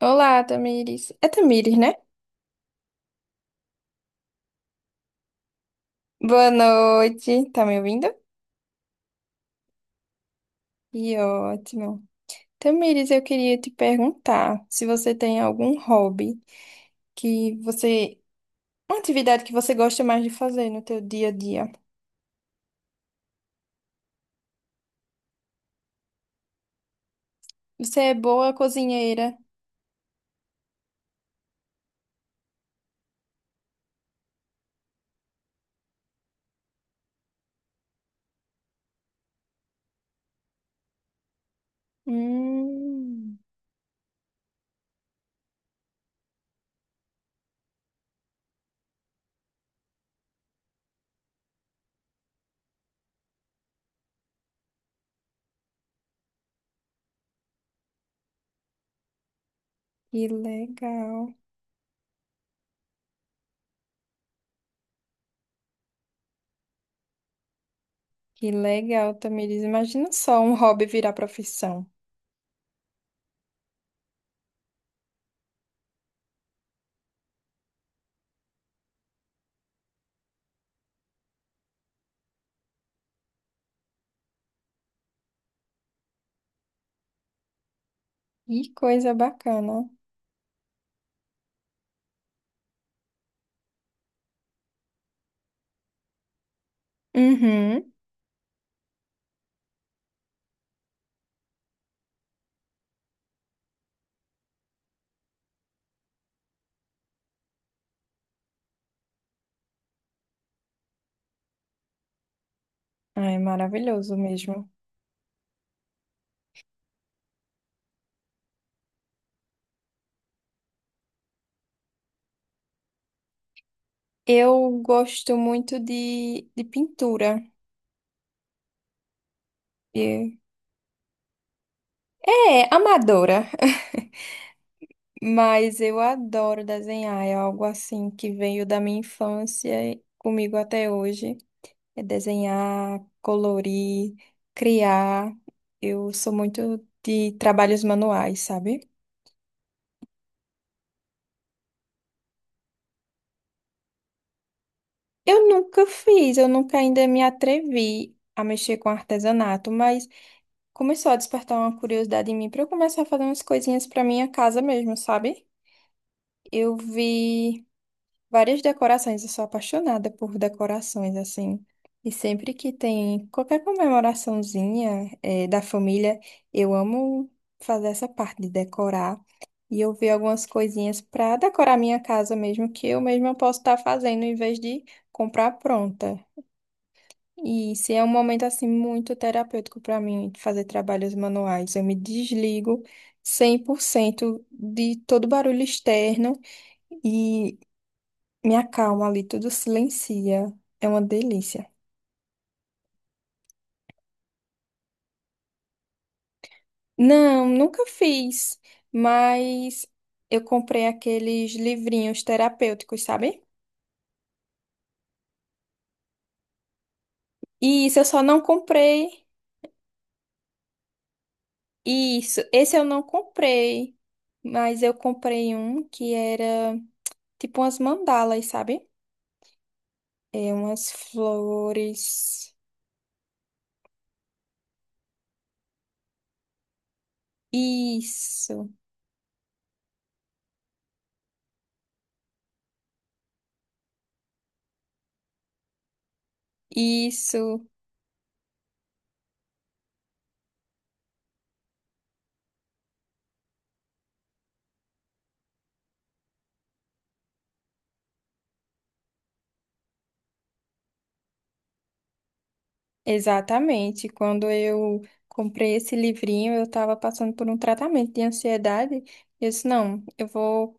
Olá, Tamires. É Tamires, né? Boa noite. Tá me ouvindo? Que ótimo. Tamires, eu queria te perguntar se você tem algum hobby que você. Uma atividade que você gosta mais de fazer no teu dia a dia. Você é boa cozinheira. Hum, que legal. Que legal, Tamires. Imagina só um hobby virar profissão. Que coisa bacana. Uhum. Ai, maravilhoso mesmo. Eu gosto muito de pintura. E- É, amadora, mas eu adoro desenhar. É algo assim que veio da minha infância e comigo até hoje. É desenhar, colorir, criar. Eu sou muito de trabalhos manuais, sabe? Eu nunca fiz, eu nunca ainda me atrevi a mexer com artesanato, mas começou a despertar uma curiosidade em mim para eu começar a fazer umas coisinhas para minha casa mesmo, sabe? Eu vi várias decorações, eu sou apaixonada por decorações, assim. E sempre que tem qualquer comemoraçãozinha, da família, eu amo fazer essa parte de decorar. E eu vi algumas coisinhas para decorar minha casa mesmo, que eu mesma posso estar fazendo em vez de comprar pronta. E se é um momento assim muito terapêutico para mim fazer trabalhos manuais, eu me desligo 100% de todo barulho externo. Me acalma ali, tudo silencia. É uma delícia. Não, nunca fiz, mas eu comprei aqueles livrinhos terapêuticos, sabe? E isso, eu só não comprei. Isso, esse eu não comprei, mas eu comprei um que era tipo umas mandalas, sabe? É umas flores. Isso, isso. Exatamente. Quando eu comprei esse livrinho, eu estava passando por um tratamento de ansiedade. E eu disse, não, eu vou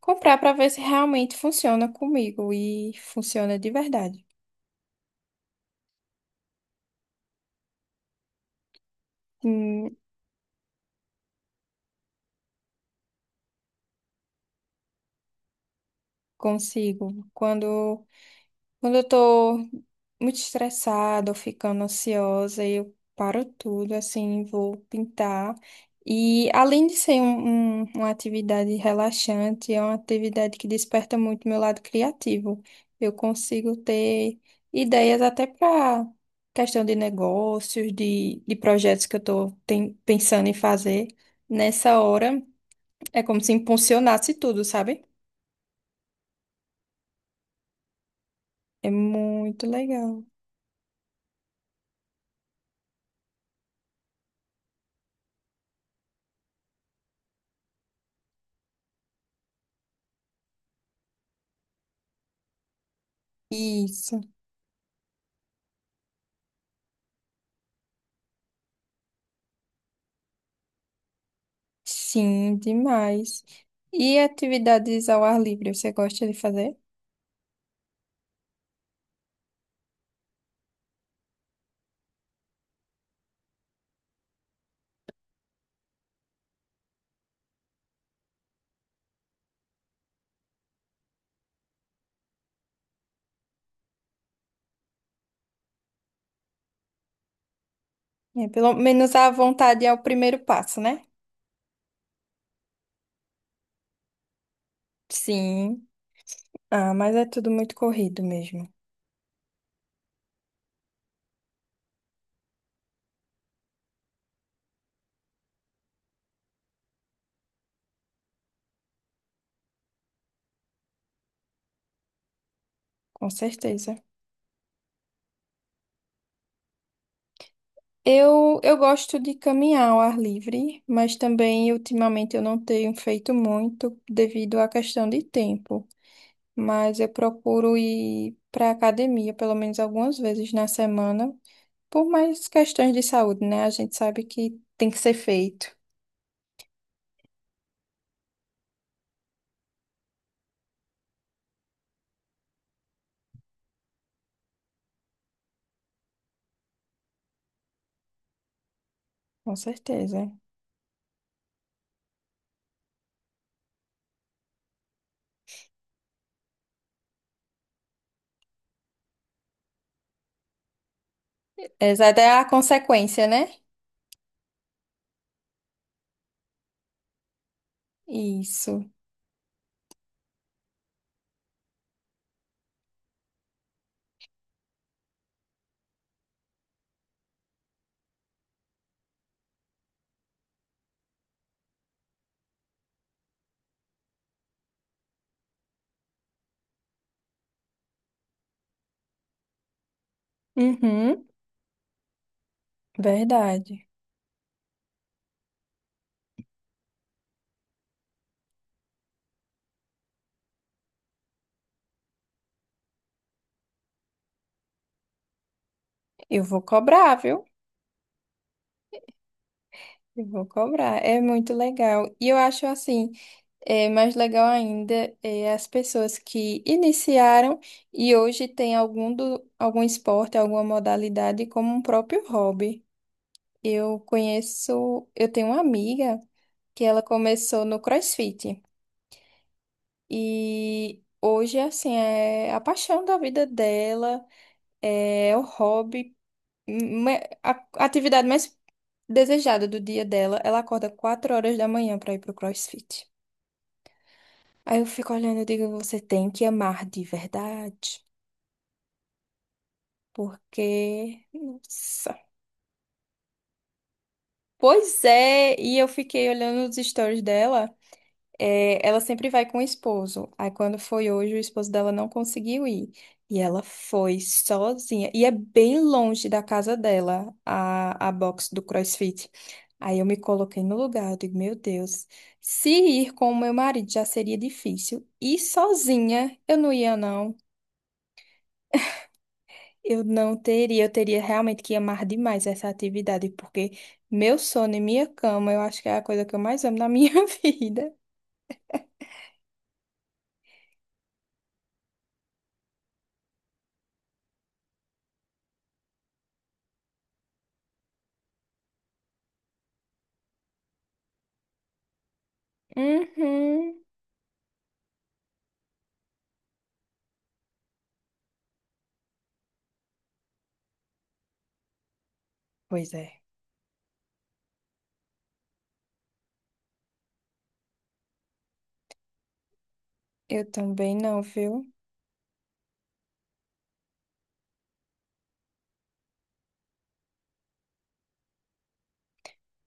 comprar para ver se realmente funciona comigo. E funciona de verdade. Hum, consigo. Quando eu tô muito estressada ou ficando ansiosa, eu paro tudo, assim, vou pintar. E além de ser uma atividade relaxante, é uma atividade que desperta muito meu lado criativo. Eu consigo ter ideias até para questão de negócios, de projetos que eu estou pensando em fazer. Nessa hora, é como se impulsionasse tudo, sabe? É muito legal. Isso. Sim, demais. E atividades ao ar livre, você gosta de fazer? É, pelo menos a vontade é o primeiro passo, né? Sim. Ah, mas é tudo muito corrido mesmo, com certeza. Eu gosto de caminhar ao ar livre, mas também ultimamente eu não tenho feito muito devido à questão de tempo. Mas eu procuro ir para academia pelo menos algumas vezes na semana. Por mais questões de saúde, né? A gente sabe que tem que ser feito. Com certeza. Essa é a consequência, né? Isso. Uhum, verdade. Eu vou cobrar, viu? Eu vou cobrar. É muito legal. E eu acho assim. É, mais legal ainda é as pessoas que iniciaram e hoje têm algum, do, algum esporte, alguma modalidade como um próprio hobby. Eu conheço, eu tenho uma amiga que ela começou no CrossFit e hoje, assim, é a paixão da vida dela, é o hobby, é a atividade mais desejada do dia dela. Ela acorda 4 horas da manhã para ir pro CrossFit. Aí eu fico olhando e digo, você tem que amar de verdade, porque, nossa. Pois é, e eu fiquei olhando os stories dela. É, ela sempre vai com o esposo. Aí quando foi hoje, o esposo dela não conseguiu ir. E ela foi sozinha. E é bem longe da casa dela, a box do CrossFit. Aí eu me coloquei no lugar, eu digo, meu Deus, se ir com o meu marido já seria difícil. E sozinha, eu não ia, não. Eu não teria, eu teria realmente que amar demais essa atividade, porque meu sono e minha cama, eu acho que é a coisa que eu mais amo na minha vida. Uhum. Pois é. Eu também não, viu?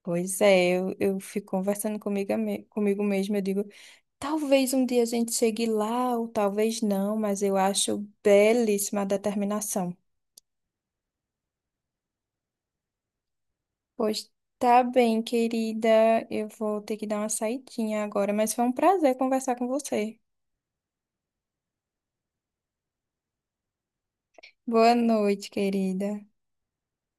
Pois é, eu fico conversando comigo, comigo mesma, eu digo, talvez um dia a gente chegue lá, ou talvez não, mas eu acho belíssima a determinação. Pois tá bem, querida. Eu vou ter que dar uma saidinha agora, mas foi um prazer conversar com você. Boa noite, querida.